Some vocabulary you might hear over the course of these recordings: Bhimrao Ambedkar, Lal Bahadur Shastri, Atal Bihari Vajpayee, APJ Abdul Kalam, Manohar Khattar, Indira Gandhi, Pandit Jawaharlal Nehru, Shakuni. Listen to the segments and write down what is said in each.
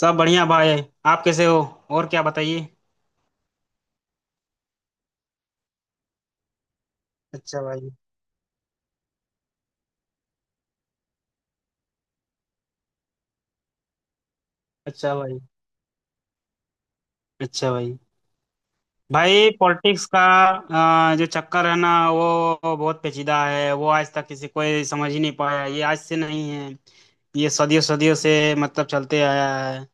सब बढ़िया भाई। आप कैसे हो। और क्या बताइए। अच्छा भाई। अच्छा भाई। अच्छा भाई। भाई पॉलिटिक्स का जो चक्कर है ना वो बहुत पेचीदा है। वो आज तक किसी कोई समझ ही नहीं पाया। ये आज से नहीं है। ये सदियों सदियों से मतलब चलते आया है।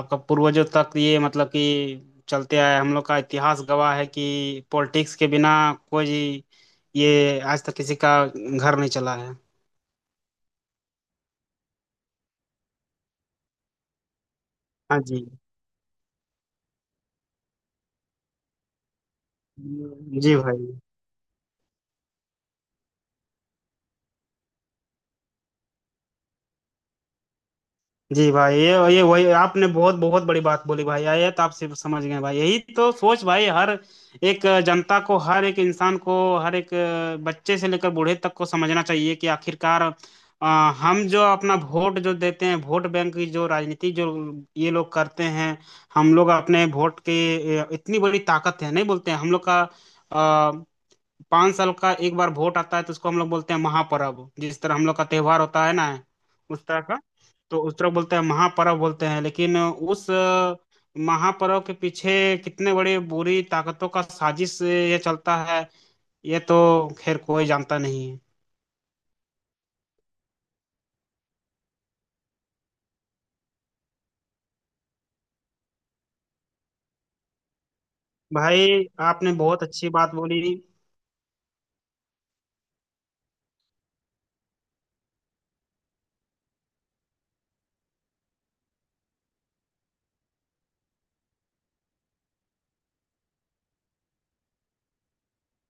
आपका पूर्वजों तक ये मतलब कि चलते आया है। हम लोग का इतिहास गवाह है कि पॉलिटिक्स के बिना कोई ये आज तक किसी का घर नहीं चला है। हाँ जी। जी भाई। जी भाई ये वही आपने बहुत बहुत बड़ी बात बोली भाई। ये तो आप सिर्फ समझ गए भाई। यही तो सोच भाई। हर एक जनता को हर एक इंसान को हर एक बच्चे से लेकर बूढ़े तक को समझना चाहिए कि आखिरकार अ, हम जो अपना वोट जो देते हैं वोट बैंक की जो राजनीति जो ये लोग करते हैं। हम लोग अपने वोट के इतनी बड़ी ताकत है नहीं बोलते हैं हम लोग का। 5 साल का एक बार वोट आता है तो उसको हम लोग बोलते हैं महापर्व, जिस तरह हम लोग का त्योहार होता है ना उस तरह का। तो उस तरह बोलते हैं महापर्व बोलते हैं। लेकिन उस महापर्व के पीछे कितने बड़े बुरी ताकतों का साजिश ये चलता है। ये तो खैर कोई जानता नहीं है। भाई आपने बहुत अच्छी बात बोली।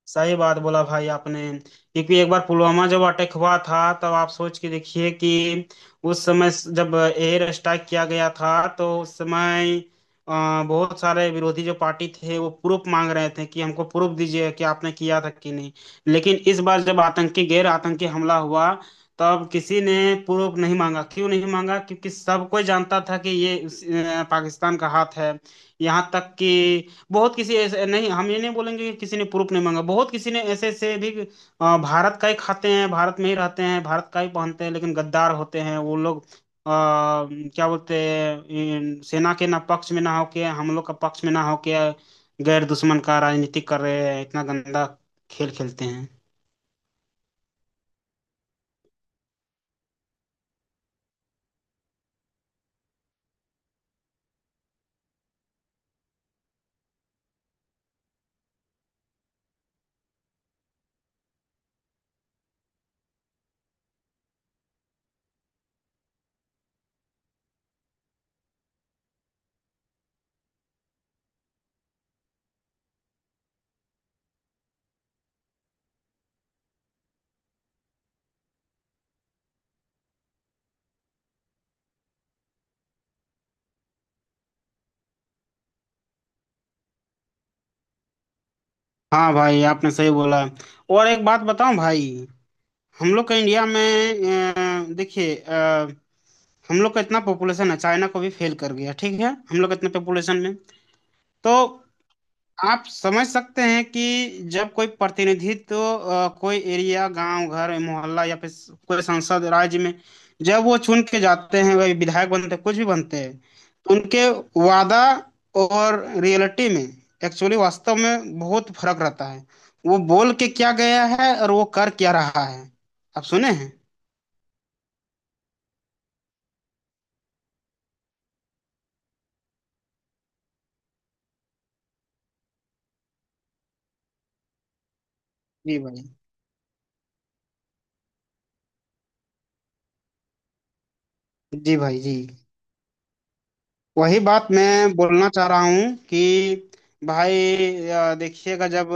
सही बात बोला भाई आपने क्योंकि एक बार पुलवामा जब अटैक हुआ था तब आप सोच के देखिए कि उस समय जब एयर स्ट्राइक किया गया था तो उस समय अ, बहुत सारे विरोधी जो पार्टी थे वो प्रूफ मांग रहे थे कि हमको प्रूफ दीजिए कि आपने किया था कि नहीं। लेकिन इस बार जब आतंकी गैर आतंकी हमला हुआ तब किसी ने प्रूफ नहीं मांगा। क्यों नहीं मांगा? क्योंकि सब कोई जानता था कि ये पाकिस्तान का हाथ है। यहाँ तक कि बहुत किसी ऐसे नहीं। हम ये नहीं बोलेंगे कि किसी ने प्रूफ नहीं मांगा। बहुत किसी ने ऐसे ऐसे भी भारत का ही खाते हैं भारत में ही रहते हैं भारत का ही पहनते हैं लेकिन गद्दार होते हैं वो लोग। क्या बोलते हैं सेना के ना पक्ष में ना होके हम लोग का पक्ष में ना होके गैर दुश्मन का राजनीति कर रहे हैं। इतना गंदा खेल खेलते हैं। हाँ भाई आपने सही बोला। और एक बात बताऊं भाई। हम लोग का इंडिया में देखिए हम लोग का इतना पॉपुलेशन है चाइना को भी फेल कर गया। ठीक है हम लोग इतने पॉपुलेशन में। तो आप समझ सकते हैं कि जब कोई प्रतिनिधित्व कोई एरिया गांव घर मोहल्ला या फिर कोई सांसद राज्य में जब वो चुन के जाते हैं वही विधायक बनते हैं कुछ भी बनते हैं तो उनके वादा और रियलिटी में एक्चुअली वास्तव में बहुत फर्क रहता है। वो बोल के क्या गया है और वो कर क्या रहा है। आप सुने हैं। जी भाई। जी भाई जी। वही बात मैं बोलना चाह रहा हूँ कि भाई देखिएगा जब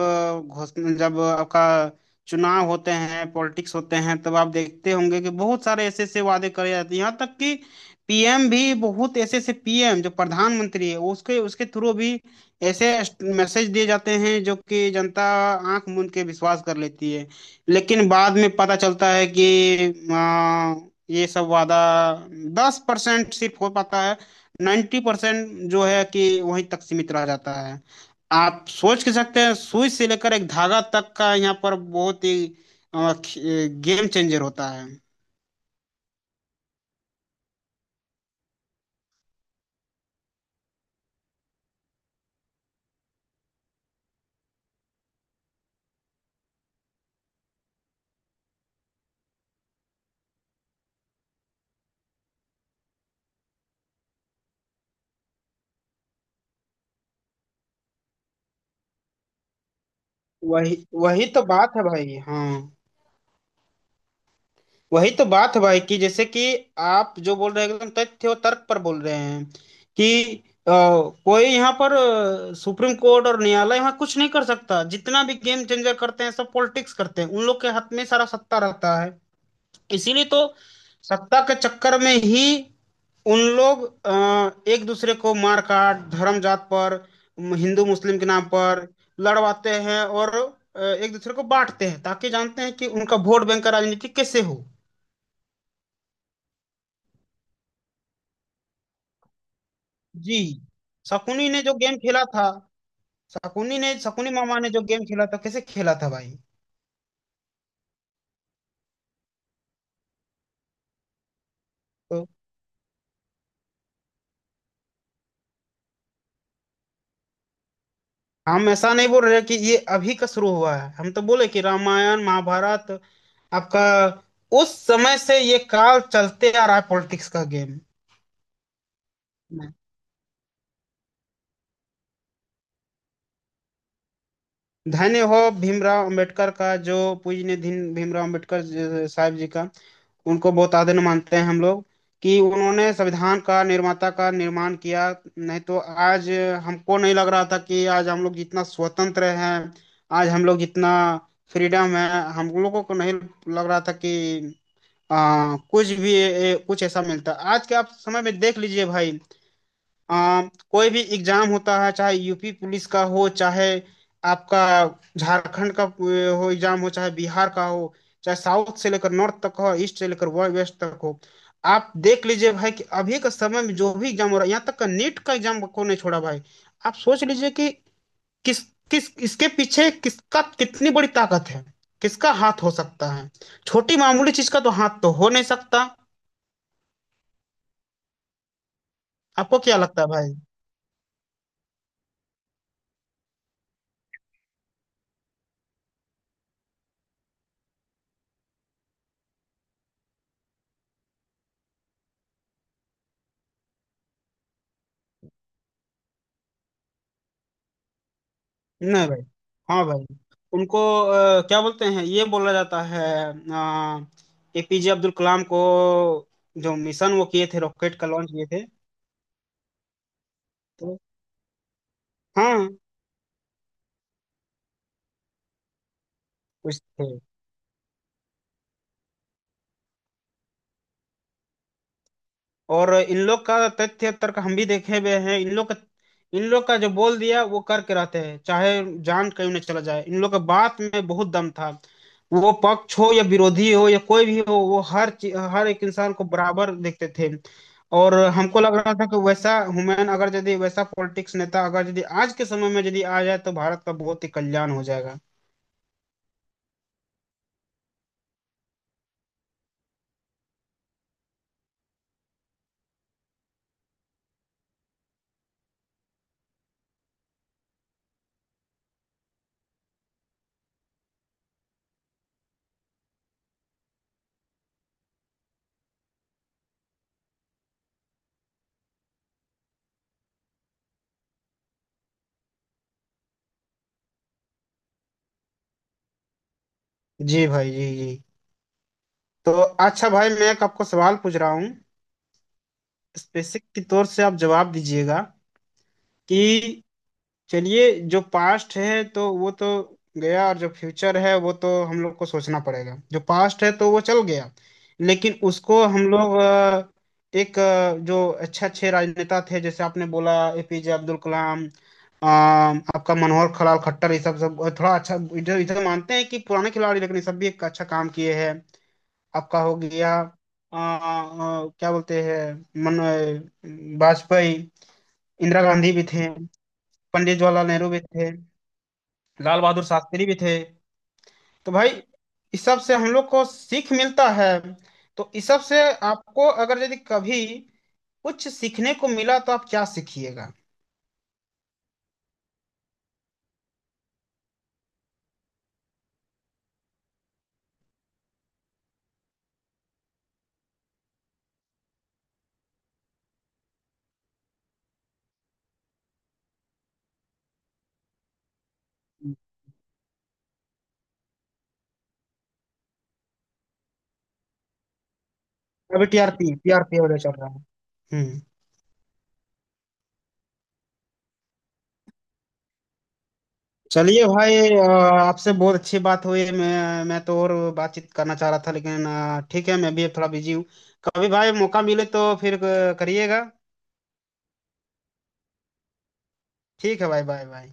घोषणा जब आपका चुनाव होते हैं पॉलिटिक्स होते हैं तब आप देखते होंगे कि बहुत सारे ऐसे ऐसे वादे करे जाते हैं। यहाँ तक कि पीएम भी बहुत ऐसे ऐसे पीएम जो प्रधानमंत्री है उसके उसके थ्रू भी ऐसे मैसेज दिए जाते हैं जो कि जनता आंख मूंद के विश्वास कर लेती है। लेकिन बाद में पता चलता है कि ये सब वादा 10% सिर्फ हो पाता है। 90% जो है कि वहीं तक सीमित रह जाता है। आप सोच के सकते हैं सुई से लेकर एक धागा तक का यहाँ पर बहुत ही गेम चेंजर होता है। वही वही तो बात है भाई। हाँ वही तो बात है भाई कि जैसे कि आप जो बोल रहे हैं एकदम तथ्य और तर्क पर बोल रहे हैं कि कोई यहाँ पर सुप्रीम कोर्ट और न्यायालय यहाँ कुछ नहीं कर सकता। जितना भी गेम चेंजर करते हैं सब पॉलिटिक्स करते हैं उन लोग के हाथ में सारा सत्ता रहता है। इसीलिए तो सत्ता के चक्कर में ही उन लोग एक दूसरे को मार काट धर्म जात पर हिंदू मुस्लिम के नाम पर लड़वाते हैं और एक दूसरे को बांटते हैं ताकि जानते हैं कि उनका वोट बैंक का राजनीति कैसे हो। जी। शकुनी ने जो गेम खेला था। शकुनी मामा ने जो गेम खेला था कैसे खेला था भाई। तो हम ऐसा नहीं बोल रहे कि ये अभी का शुरू हुआ है। हम तो बोले कि रामायण महाभारत आपका उस समय से ये काल चलते आ रहा है पॉलिटिक्स का गेम में। धन्य हो भीमराव अंबेडकर का जो पूजनीय दिन भीमराव अंबेडकर साहब जी का उनको बहुत आदर मानते हैं हम लोग कि उन्होंने संविधान का निर्माता का निर्माण किया। नहीं तो आज हमको नहीं लग रहा था कि आज हम लोग जितना स्वतंत्र हैं आज हम लोग जितना फ्रीडम है हम लोगों को नहीं लग रहा था कि कुछ भी कुछ ऐसा मिलता। आज के आप समय में देख लीजिए भाई। आ, कोई भी एग्जाम होता है चाहे यूपी पुलिस का हो चाहे आपका झारखंड का हो एग्जाम हो चाहे बिहार का हो चाहे साउथ से लेकर नॉर्थ तक हो ईस्ट से लेकर वेस्ट तक हो। आप देख लीजिए भाई कि अभी के समय में जो भी एग्जाम हो रहा है यहाँ तक का नीट का एग्जाम को नहीं छोड़ा भाई। आप सोच लीजिए कि किस किस इसके पीछे किसका कितनी बड़ी ताकत है किसका हाथ हो सकता है। छोटी मामूली चीज का तो हाथ तो हो नहीं सकता। आपको क्या लगता है भाई? नहीं भाई। हाँ भाई। उनको क्या बोलते हैं ये बोला जाता है एपीजे अब्दुल कलाम को जो मिशन वो किए थे रॉकेट का लॉन्च किए थे। तो हाँ कुछ थे। और इन लोग का तथ्य तर्क हम भी देखे हुए हैं इन लोग का जो बोल दिया वो करके रहते हैं चाहे जान क्यों न चला जाए। इन लोग का बात में बहुत दम था वो पक्ष हो या विरोधी हो या कोई भी हो वो हर एक इंसान को बराबर देखते थे। और हमको लग रहा था कि वैसा हुमायूं अगर यदि वैसा पॉलिटिक्स नेता अगर यदि आज के समय में यदि आ जाए तो भारत का बहुत ही कल्याण हो जाएगा। जी भाई जी जी। तो अच्छा भाई मैं एक आपको सवाल पूछ रहा हूँ स्पेसिफिक के तौर से आप जवाब दीजिएगा कि चलिए जो पास्ट है तो वो तो गया। और जो फ्यूचर है वो तो हम लोग को सोचना पड़ेगा। जो पास्ट है तो वो चल गया। लेकिन उसको हम लोग एक जो अच्छे अच्छे राजनेता थे जैसे आपने बोला एपीजे अब्दुल कलाम, अ, आपका मनोहर खलाल खट्टर ये सब सब थोड़ा अच्छा इधर इधर मानते हैं कि पुराने खिलाड़ी। लेकिन ये सब भी एक अच्छा काम किए हैं। आपका हो गया क्या बोलते हैं वाजपेयी। इंदिरा गांधी भी थे। पंडित जवाहरलाल नेहरू भी थे। लाल बहादुर शास्त्री भी थे। तो भाई इस सब से हम लोग को सीख मिलता है। तो इस सब से आपको अगर यदि कभी कुछ सीखने को मिला तो आप क्या सीखिएगा? अभी टीआरपी टीआरपी वाले चल रहा है। हम्म। चलिए भाई आपसे बहुत अच्छी बात हुई। मैं तो और बातचीत करना चाह रहा था लेकिन ठीक है मैं भी थोड़ा बिजी हूँ। कभी भाई मौका मिले तो फिर करिएगा। ठीक है भाई बाय बाय।